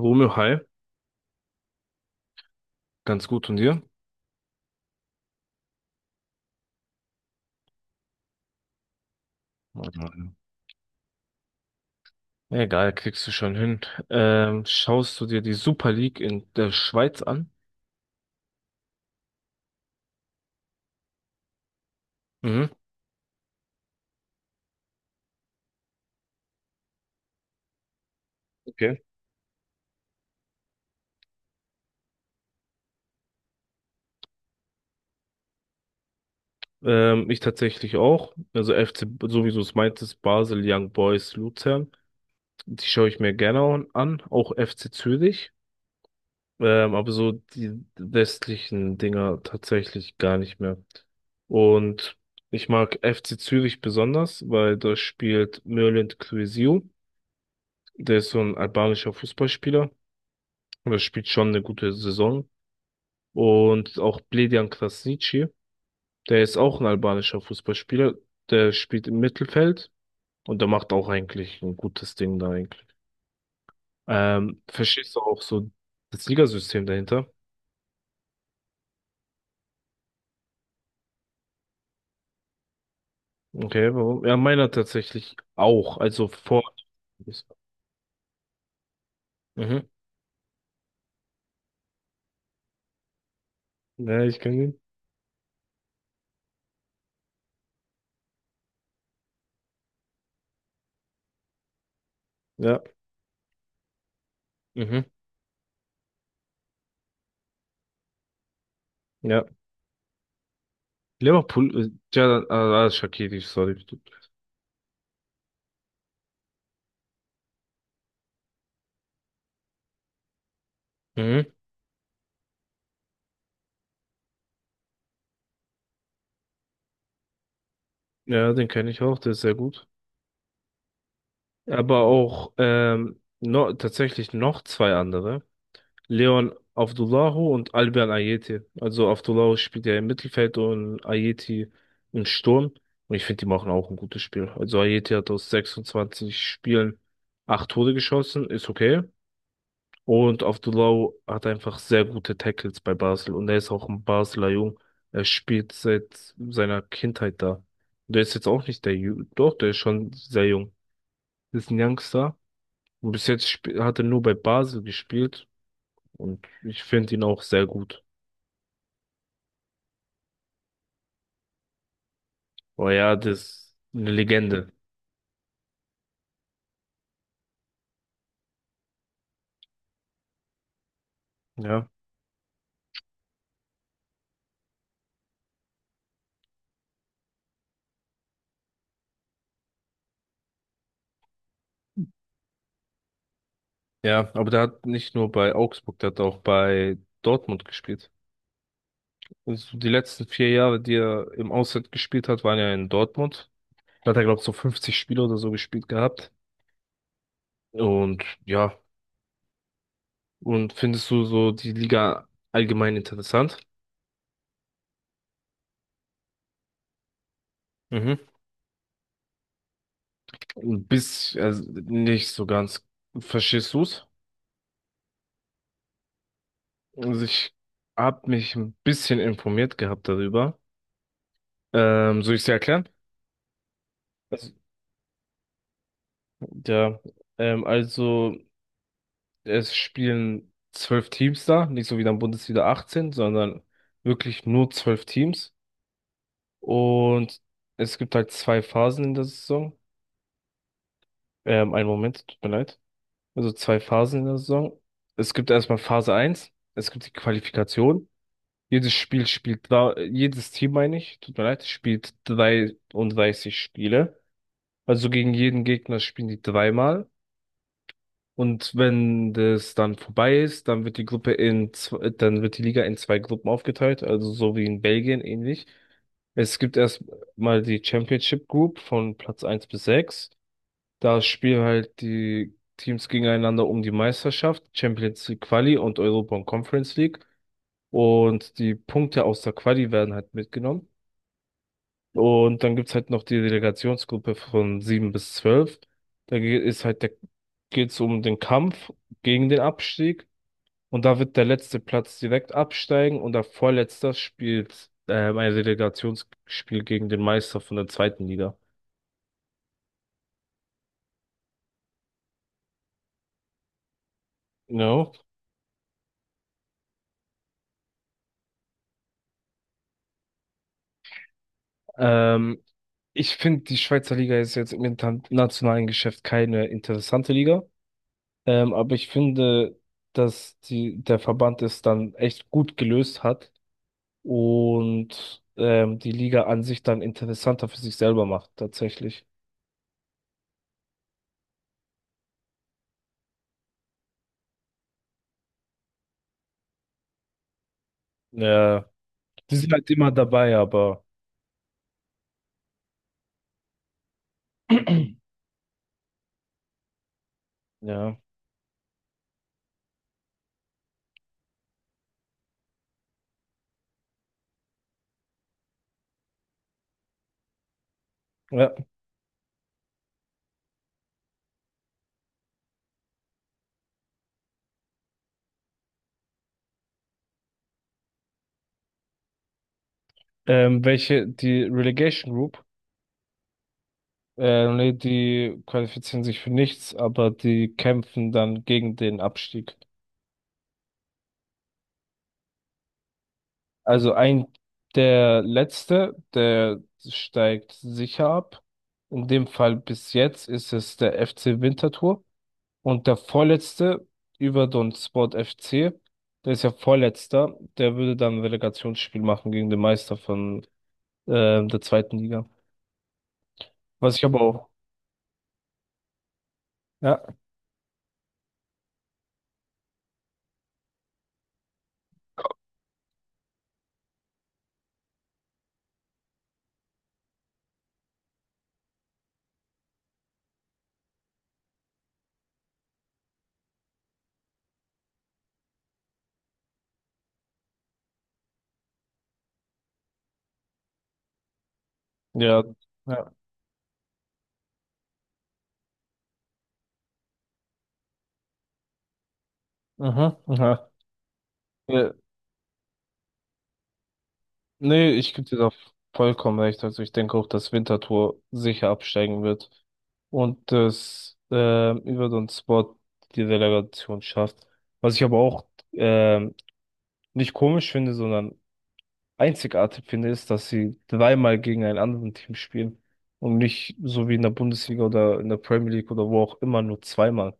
Romeo, hi, ganz gut und dir? Ja. Egal, kriegst du schon hin. Schaust du dir die Super League in der Schweiz an? Mhm. Okay. Ich tatsächlich auch. Also FC, so wie du es meintest, Basel, Young Boys, Luzern. Die schaue ich mir gerne an. Auch FC Zürich. Aber so die westlichen Dinger tatsächlich gar nicht mehr. Und ich mag FC Zürich besonders, weil da spielt Mürlend Kürsü. Der ist so ein albanischer Fußballspieler und er spielt schon eine gute Saison. Und auch Bledian Krasniqi, der ist auch ein albanischer Fußballspieler. Der spielt im Mittelfeld und der macht auch eigentlich ein gutes Ding da eigentlich. Verstehst du auch so das Ligasystem dahinter? Okay, warum? Ja, meiner tatsächlich auch. Also vor. Mhm. Ja, ich kann ihn. Ja. Mhm. Ja. Liverpool, Jadon, Shaqiri, sorry. Mhm. Ja, den kenne ich auch, der ist sehr gut. Aber auch no, tatsächlich noch zwei andere. Leon Avdulahu und Albion Ayeti. Also Avdulahu spielt ja im Mittelfeld und Ayeti im Sturm. Und ich finde, die machen auch ein gutes Spiel. Also Ayeti hat aus 26 Spielen 8 Tore geschossen, ist okay. Und Avdulahu hat einfach sehr gute Tackles bei Basel. Und er ist auch ein Basler Jung. Er spielt seit seiner Kindheit da. Der ist jetzt auch nicht der Doch, der ist schon sehr jung. Das ist ein Youngster. Und bis jetzt hat er nur bei Basel gespielt und ich finde ihn auch sehr gut. Aber ja, das ist eine Legende. Ja. Ja, aber der hat nicht nur bei Augsburg, der hat auch bei Dortmund gespielt. Also die letzten 4 Jahre, die er im Ausland gespielt hat, waren ja in Dortmund. Da hat er, glaube ich, so 50 Spiele oder so gespielt gehabt. Und ja, und findest du so die Liga allgemein interessant? Mhm. Bis, also nicht so ganz. Verstehst du? Also ich habe mich ein bisschen informiert gehabt darüber. Soll ich es dir erklären? Also, ja, also es spielen 12 Teams da, nicht so wie dann Bundesliga 18, sondern wirklich nur 12 Teams. Und es gibt halt zwei Phasen in der Saison. Einen Moment, tut mir leid. Also zwei Phasen in der Saison. Es gibt erstmal Phase eins. Es gibt die Qualifikation. Jedes Spiel spielt, da, jedes Team meine ich, tut mir leid, spielt 33 Spiele. Also gegen jeden Gegner spielen die dreimal. Und wenn das dann vorbei ist, dann wird die Gruppe dann wird die Liga in zwei Gruppen aufgeteilt, also so wie in Belgien ähnlich. Es gibt erstmal die Championship Group von Platz eins bis 6. Da spielen halt die Teams gegeneinander um die Meisterschaft, Champions League Quali und Europa und Conference League. Und die Punkte aus der Quali werden halt mitgenommen. Und dann gibt's halt noch die Delegationsgruppe von 7 bis 12. Ist halt der, geht's um den Kampf gegen den Abstieg. Und da wird der letzte Platz direkt absteigen und der Vorletzter spielt ein Relegationsspiel gegen den Meister von der zweiten Liga. No. Ähm, Ich finde, die Schweizer Liga ist jetzt im internationalen Geschäft keine interessante Liga. Aber ich finde, dass der Verband es dann echt gut gelöst hat und die Liga an sich dann interessanter für sich selber macht, tatsächlich. Ja, die sind halt immer dabei, aber ja. Ja. Die Relegation Group, nee, die qualifizieren sich für nichts, aber die kämpfen dann gegen den Abstieg. Also ein, der letzte, der steigt sicher ab. In dem Fall bis jetzt ist es der FC Winterthur. Und der vorletzte über Don Sport FC, der ist ja vorletzter, der würde dann ein Relegationsspiel machen gegen den Meister von der zweiten Liga. Was ich aber auch. Ja, ja, ja. Mhm, aha. Ja, nee, ich gebe dir da vollkommen recht. Also ich denke auch, dass Winterthur sicher absteigen wird und dass über Don Sport die Relegation schafft. Was ich aber auch ähm, nicht komisch finde, sondern einzigartig finde, ist, dass sie dreimal gegen ein anderes Team spielen und nicht so wie in der Bundesliga oder in der Premier League oder wo auch immer nur zweimal.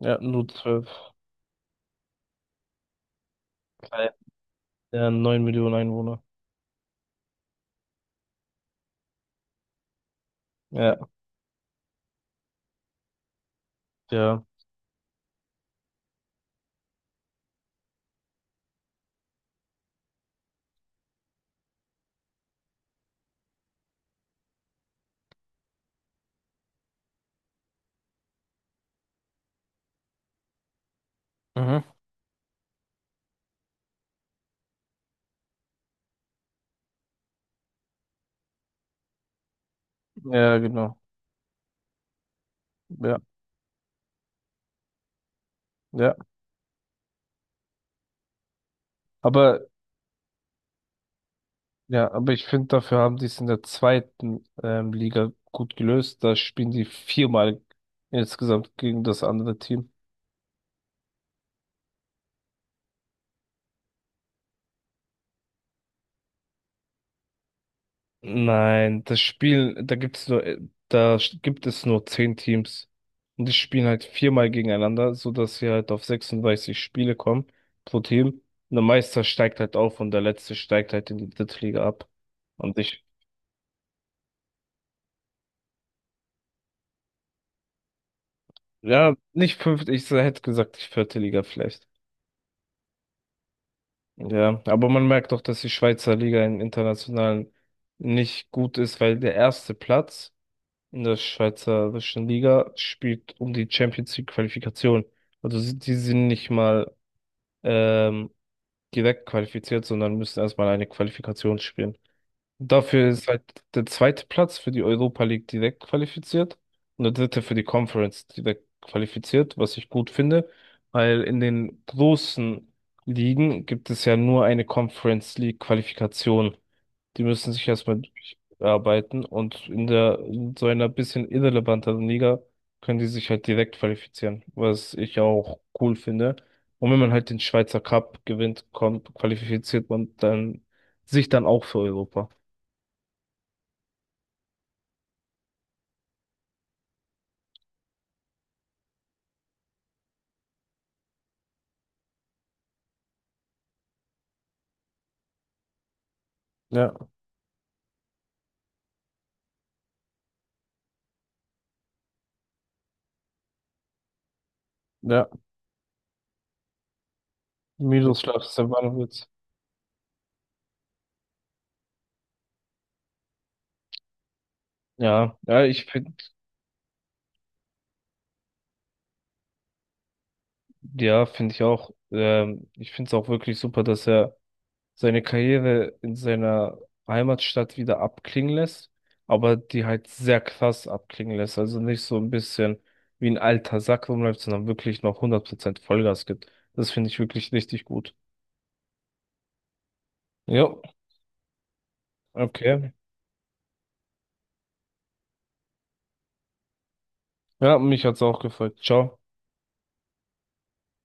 Ja, nur zwölf. Bei ja, 9 Millionen Einwohner. Ja, ja. Mhm. Ja, genau. Ja, ja. Aber ja, aber ich finde, dafür haben die es in der zweiten Liga gut gelöst. Da spielen die viermal insgesamt gegen das andere Team. Nein, das Spiel, da gibt's nur, gibt es nur 10 Teams. Und die spielen halt viermal gegeneinander, sodass sie halt auf 36 Spiele kommen pro Team. Und der Meister steigt halt auf und der Letzte steigt halt in die dritte Liga ab. Und ich, ja, nicht fünfte, ich hätte gesagt, die vierte Liga vielleicht. Ja, aber man merkt doch, dass die Schweizer Liga im Internationalen nicht gut ist, weil der erste Platz in der Schweizerischen Liga spielt um die Champions League Qualifikation. Die sind nicht mal ähm, direkt qualifiziert, sondern müssen erstmal eine Qualifikation spielen. Dafür ist halt der zweite Platz für die Europa League direkt qualifiziert und der dritte für die Conference direkt qualifiziert, was ich gut finde, weil in den großen Ligen gibt es ja nur eine Conference League Qualifikation. Die müssen sich erstmal durcharbeiten und in so einer bisschen irrelevanteren Liga können die sich halt direkt qualifizieren, was ich auch cool finde. Und wenn man halt den Schweizer Cup gewinnt, qualifiziert man dann sich dann auch für Europa. Ja, ja. Miroslav Stefanovic. Ja, ja, ich finde, ja, finde ich auch. Ich finde es auch wirklich super, dass er seine Karriere in seiner Heimatstadt wieder abklingen lässt, aber die halt sehr krass abklingen lässt. Also nicht so ein bisschen wie ein alter Sack rumläuft, sondern wirklich noch 100% Vollgas gibt. Das finde ich wirklich richtig gut. Jo, okay. Ja, mich hat's auch gefreut. Ciao.